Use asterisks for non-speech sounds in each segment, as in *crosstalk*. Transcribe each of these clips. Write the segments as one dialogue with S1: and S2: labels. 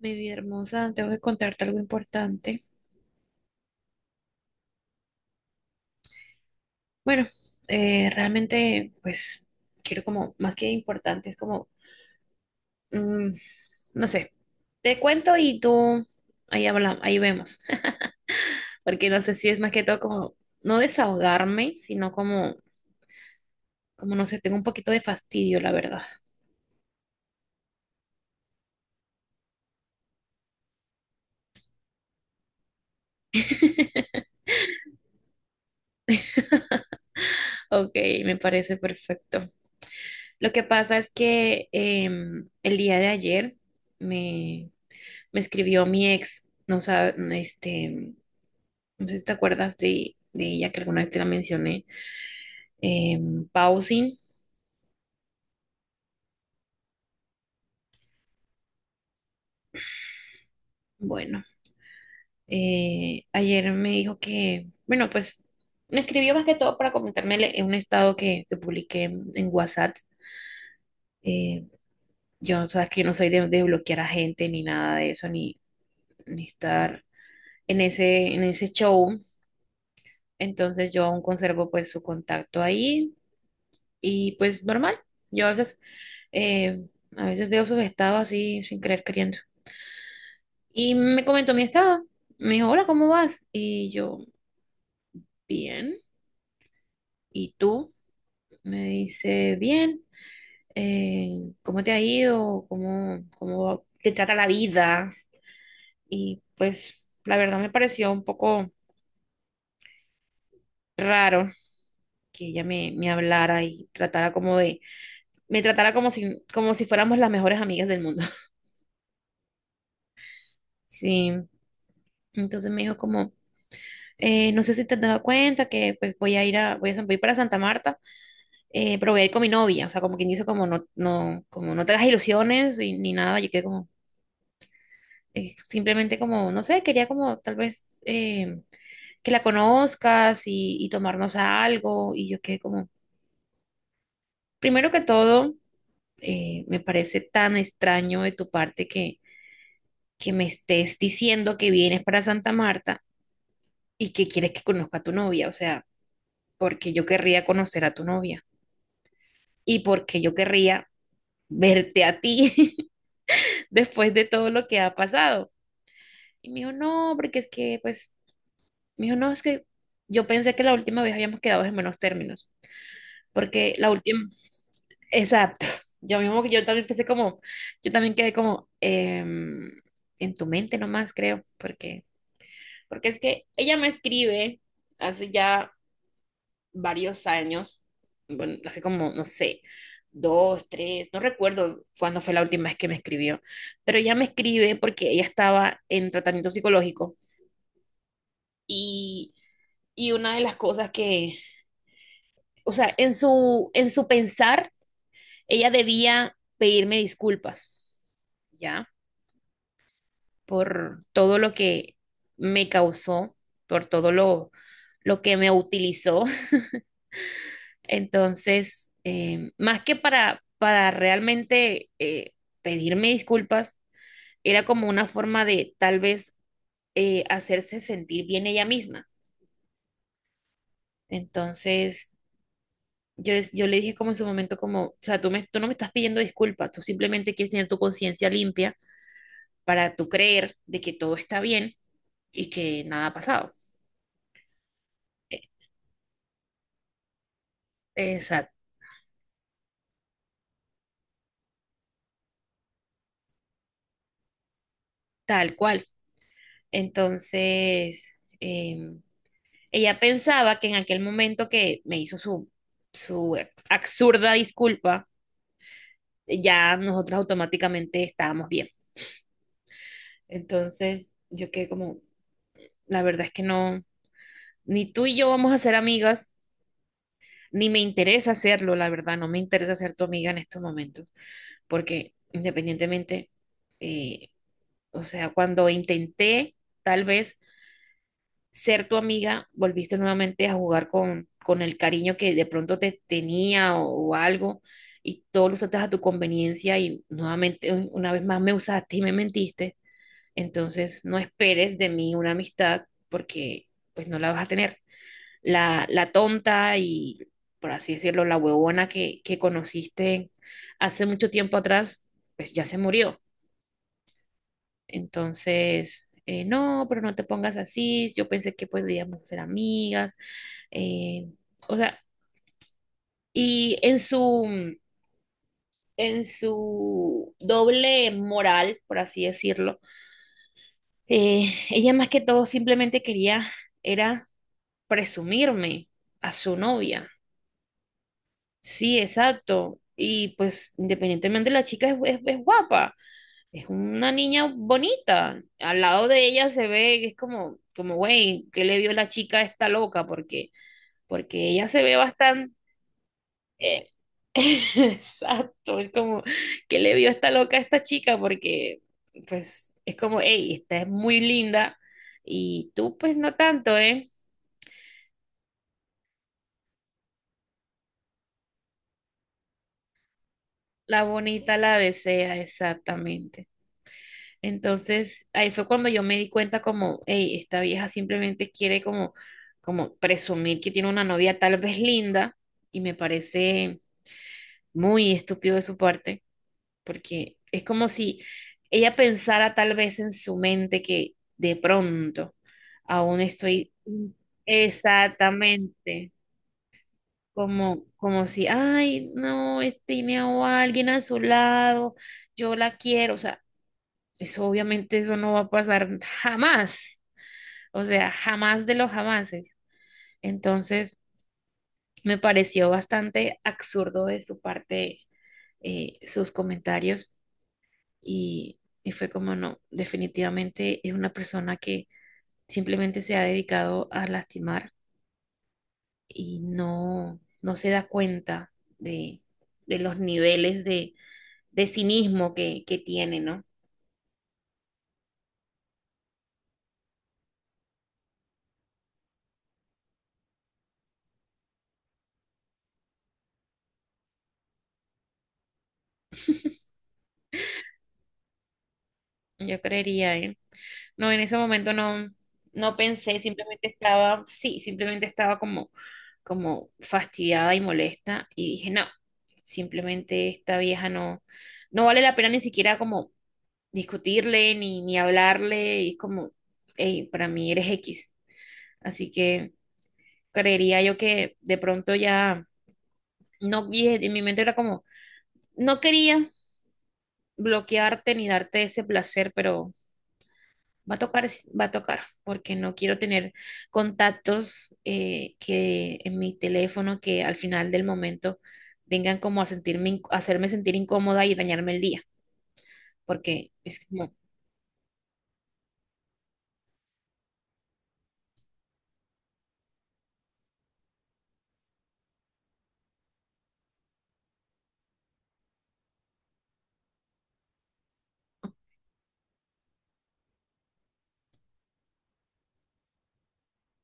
S1: Mi vida hermosa, tengo que contarte algo importante. Bueno, realmente, pues, quiero como, más que importante, es como, mm, no sé, te cuento y tú, ahí hablamos, ahí vemos. *laughs* Porque no sé si es más que todo como, no desahogarme, sino como, como, no sé, tengo un poquito de fastidio, la verdad. *laughs* Ok, me parece perfecto. Lo que pasa es que el día de ayer me, me escribió mi ex, no sabe, este, no sé si te acuerdas de ella que alguna vez te la mencioné. Eh, Pausing. Bueno, ayer me dijo que, bueno, pues me escribió más que todo para comentarme en un estado que publiqué en WhatsApp. Eh, yo, sabes que yo no soy de bloquear a gente ni nada de eso, ni, ni estar en ese show. Entonces yo aún conservo pues su contacto ahí y pues normal. Yo eh, a veces veo sus estados así sin querer queriendo. Y me comentó mi estado. Me dijo, hola, ¿cómo vas? Y yo, bien. ¿Y tú? Me dice, bien. ¿Cómo te ha ido? ¿Cómo, cómo te trata la vida? Y pues la verdad me pareció un poco raro que ella me hablara y tratara como de, me tratara como si fuéramos las mejores amigas del mundo. *laughs* Sí. Entonces me dijo como, no sé si te has dado cuenta que pues voy a ir a, voy para Santa Marta proveer con mi novia, o sea, como quien dice, como no, no, como no te hagas ilusiones ni nada, yo quedé como, simplemente como, no sé, quería como tal vez que la conozcas y tomarnos a algo, y yo quedé como, primero que todo, me parece tan extraño de tu parte que me estés diciendo que vienes para Santa Marta y que quieres que conozca a tu novia, o sea, porque yo querría conocer a tu novia y porque yo querría verte a ti *laughs* después de todo lo que ha pasado. Y me dijo, no, porque es que, pues, me dijo, no, es que yo pensé que la última vez habíamos quedado en buenos términos, porque la última, *laughs* exacto, yo mismo, yo también pensé como, yo también quedé como en tu mente nomás, creo, porque, porque es que ella me escribe hace ya varios años, bueno, hace como, no sé, dos, tres, no recuerdo cuándo fue la última vez que me escribió, pero ella me escribe porque ella estaba en tratamiento psicológico y Y una de las cosas que, o sea, en su pensar, ella debía pedirme disculpas, ¿ya? Por todo lo que me causó, por todo lo que me utilizó. *laughs* Entonces, más que para realmente pedirme disculpas, era como una forma de tal vez hacerse sentir bien ella misma. Entonces, yo, yo le dije como en su momento, como, o sea, tú, me, tú no me estás pidiendo disculpas, tú simplemente quieres tener tu conciencia limpia para tú creer de que todo está bien y que nada ha pasado. E, exacto, tal cual. Entonces, em, ella pensaba que en aquel momento que me hizo su, su absurda disculpa, ya nosotras automáticamente estábamos bien. Entonces, yo quedé como, la verdad es que no, ni tú y yo vamos a ser amigas. Ni me interesa hacerlo, la verdad, no me interesa ser tu amiga en estos momentos, porque independientemente, eh, o sea, cuando intenté tal vez ser tu amiga, volviste nuevamente a jugar con el cariño que de pronto te tenía o algo, y todo lo usaste a tu conveniencia y nuevamente, una vez más me usaste y me mentiste, entonces no esperes de mí una amistad porque pues no la vas a tener la tonta y, por así decirlo, la huevona que conociste hace mucho tiempo atrás, pues ya se murió. Entonces, no, pero no te pongas así, yo pensé que podíamos ser amigas, eh, o sea, y en su doble moral, por así decirlo, ella más que todo simplemente quería, era presumirme a su novia. Sí, exacto. Y pues independientemente la chica es, es guapa, es una niña bonita. Al lado de ella se ve, que es como, como, güey, ¿qué le vio la chica a esta loca? Porque, porque ella se ve bastante... eh, *laughs* exacto, es como, ¿qué le vio esta loca a esta chica? Porque, pues, es como, hey, esta es muy linda y tú pues no tanto, ¿eh? La bonita la desea, exactamente. Entonces, ahí fue cuando yo me di cuenta como, hey, esta vieja simplemente quiere como, como presumir que tiene una novia tal vez linda y me parece muy estúpido de su parte, porque es como si ella pensara tal vez en su mente que de pronto aún estoy exactamente como, como si, ay, no, tiene a alguien a su lado, yo la quiero, o sea eso obviamente eso no va a pasar jamás, o sea, jamás de los jamases. Entonces, me pareció bastante absurdo de su parte sus comentarios y fue como no, definitivamente es una persona que simplemente se ha dedicado a lastimar y no, no se da cuenta de, de los niveles de cinismo que tiene, ¿no? Yo creería, ¿eh? No, en ese momento no, no pensé, simplemente estaba, sí, simplemente estaba como, como fastidiada y molesta y dije, no, simplemente esta vieja no, no vale la pena ni siquiera como discutirle ni, ni hablarle y es como, hey, para mí eres X. Así que creería yo que de pronto ya, no, y en mi mente era como, no quería bloquearte ni darte ese placer, pero va a tocar, va a tocar, porque no quiero tener contactos que en mi teléfono que al final del momento vengan como a sentirme, a hacerme sentir incómoda y dañarme el día, porque es como,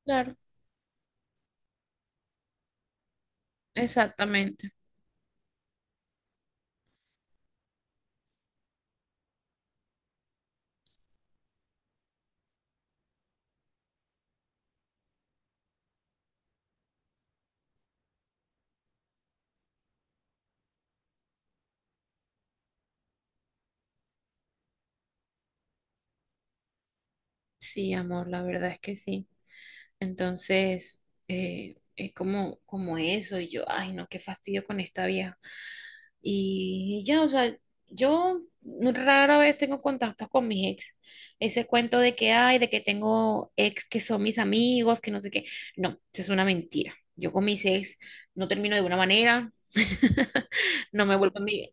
S1: claro, exactamente. Sí, amor, la verdad es que sí. Entonces, es como, como eso, y yo, ay, no, qué fastidio con esta vieja. Y ya, o sea, yo rara vez tengo contactos con mis ex. Ese cuento de que hay, de que tengo ex que son mis amigos, que no sé qué. No, eso es una mentira. Yo con mis ex no termino de una manera. *laughs* No me vuelvo amiga.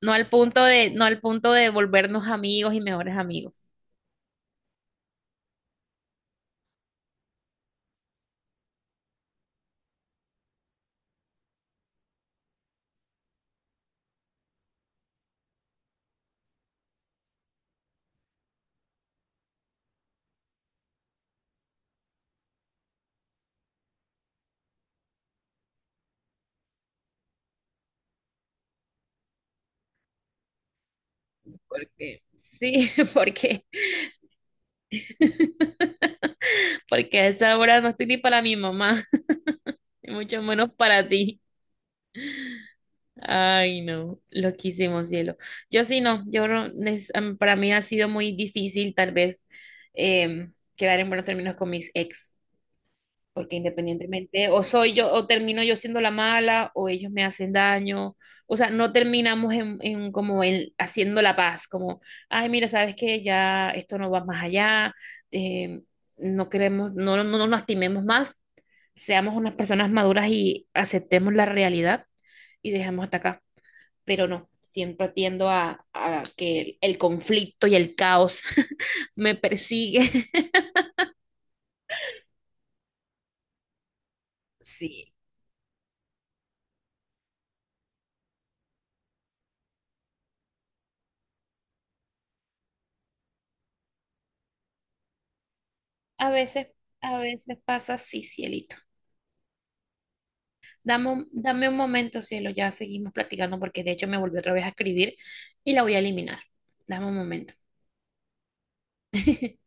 S1: No al punto de, no al punto de volvernos amigos y mejores amigos. Porque, sí, *laughs* porque, *laughs* porque a esa hora no estoy ni para mi mamá, *laughs* y mucho menos para ti. Ay, no, loquísimo cielo. Yo sí no, yo no, para mí ha sido muy difícil tal vez quedar en buenos términos con mis ex, porque independientemente o soy yo o termino yo siendo la mala o ellos me hacen daño, o sea, no terminamos en como en haciendo la paz, como, ay, mira, sabes que ya esto no va más allá, em, no queremos, no, no, no nos lastimemos más, seamos unas personas maduras y aceptemos la realidad y dejemos hasta acá pero no, siempre tiendo a que el conflicto y el caos *laughs* me persigue. Sí, a veces, a veces pasa así, cielito. Dame un momento, cielo, ya seguimos platicando porque de hecho me volvió otra vez a escribir y la voy a eliminar. Dame un momento. *laughs*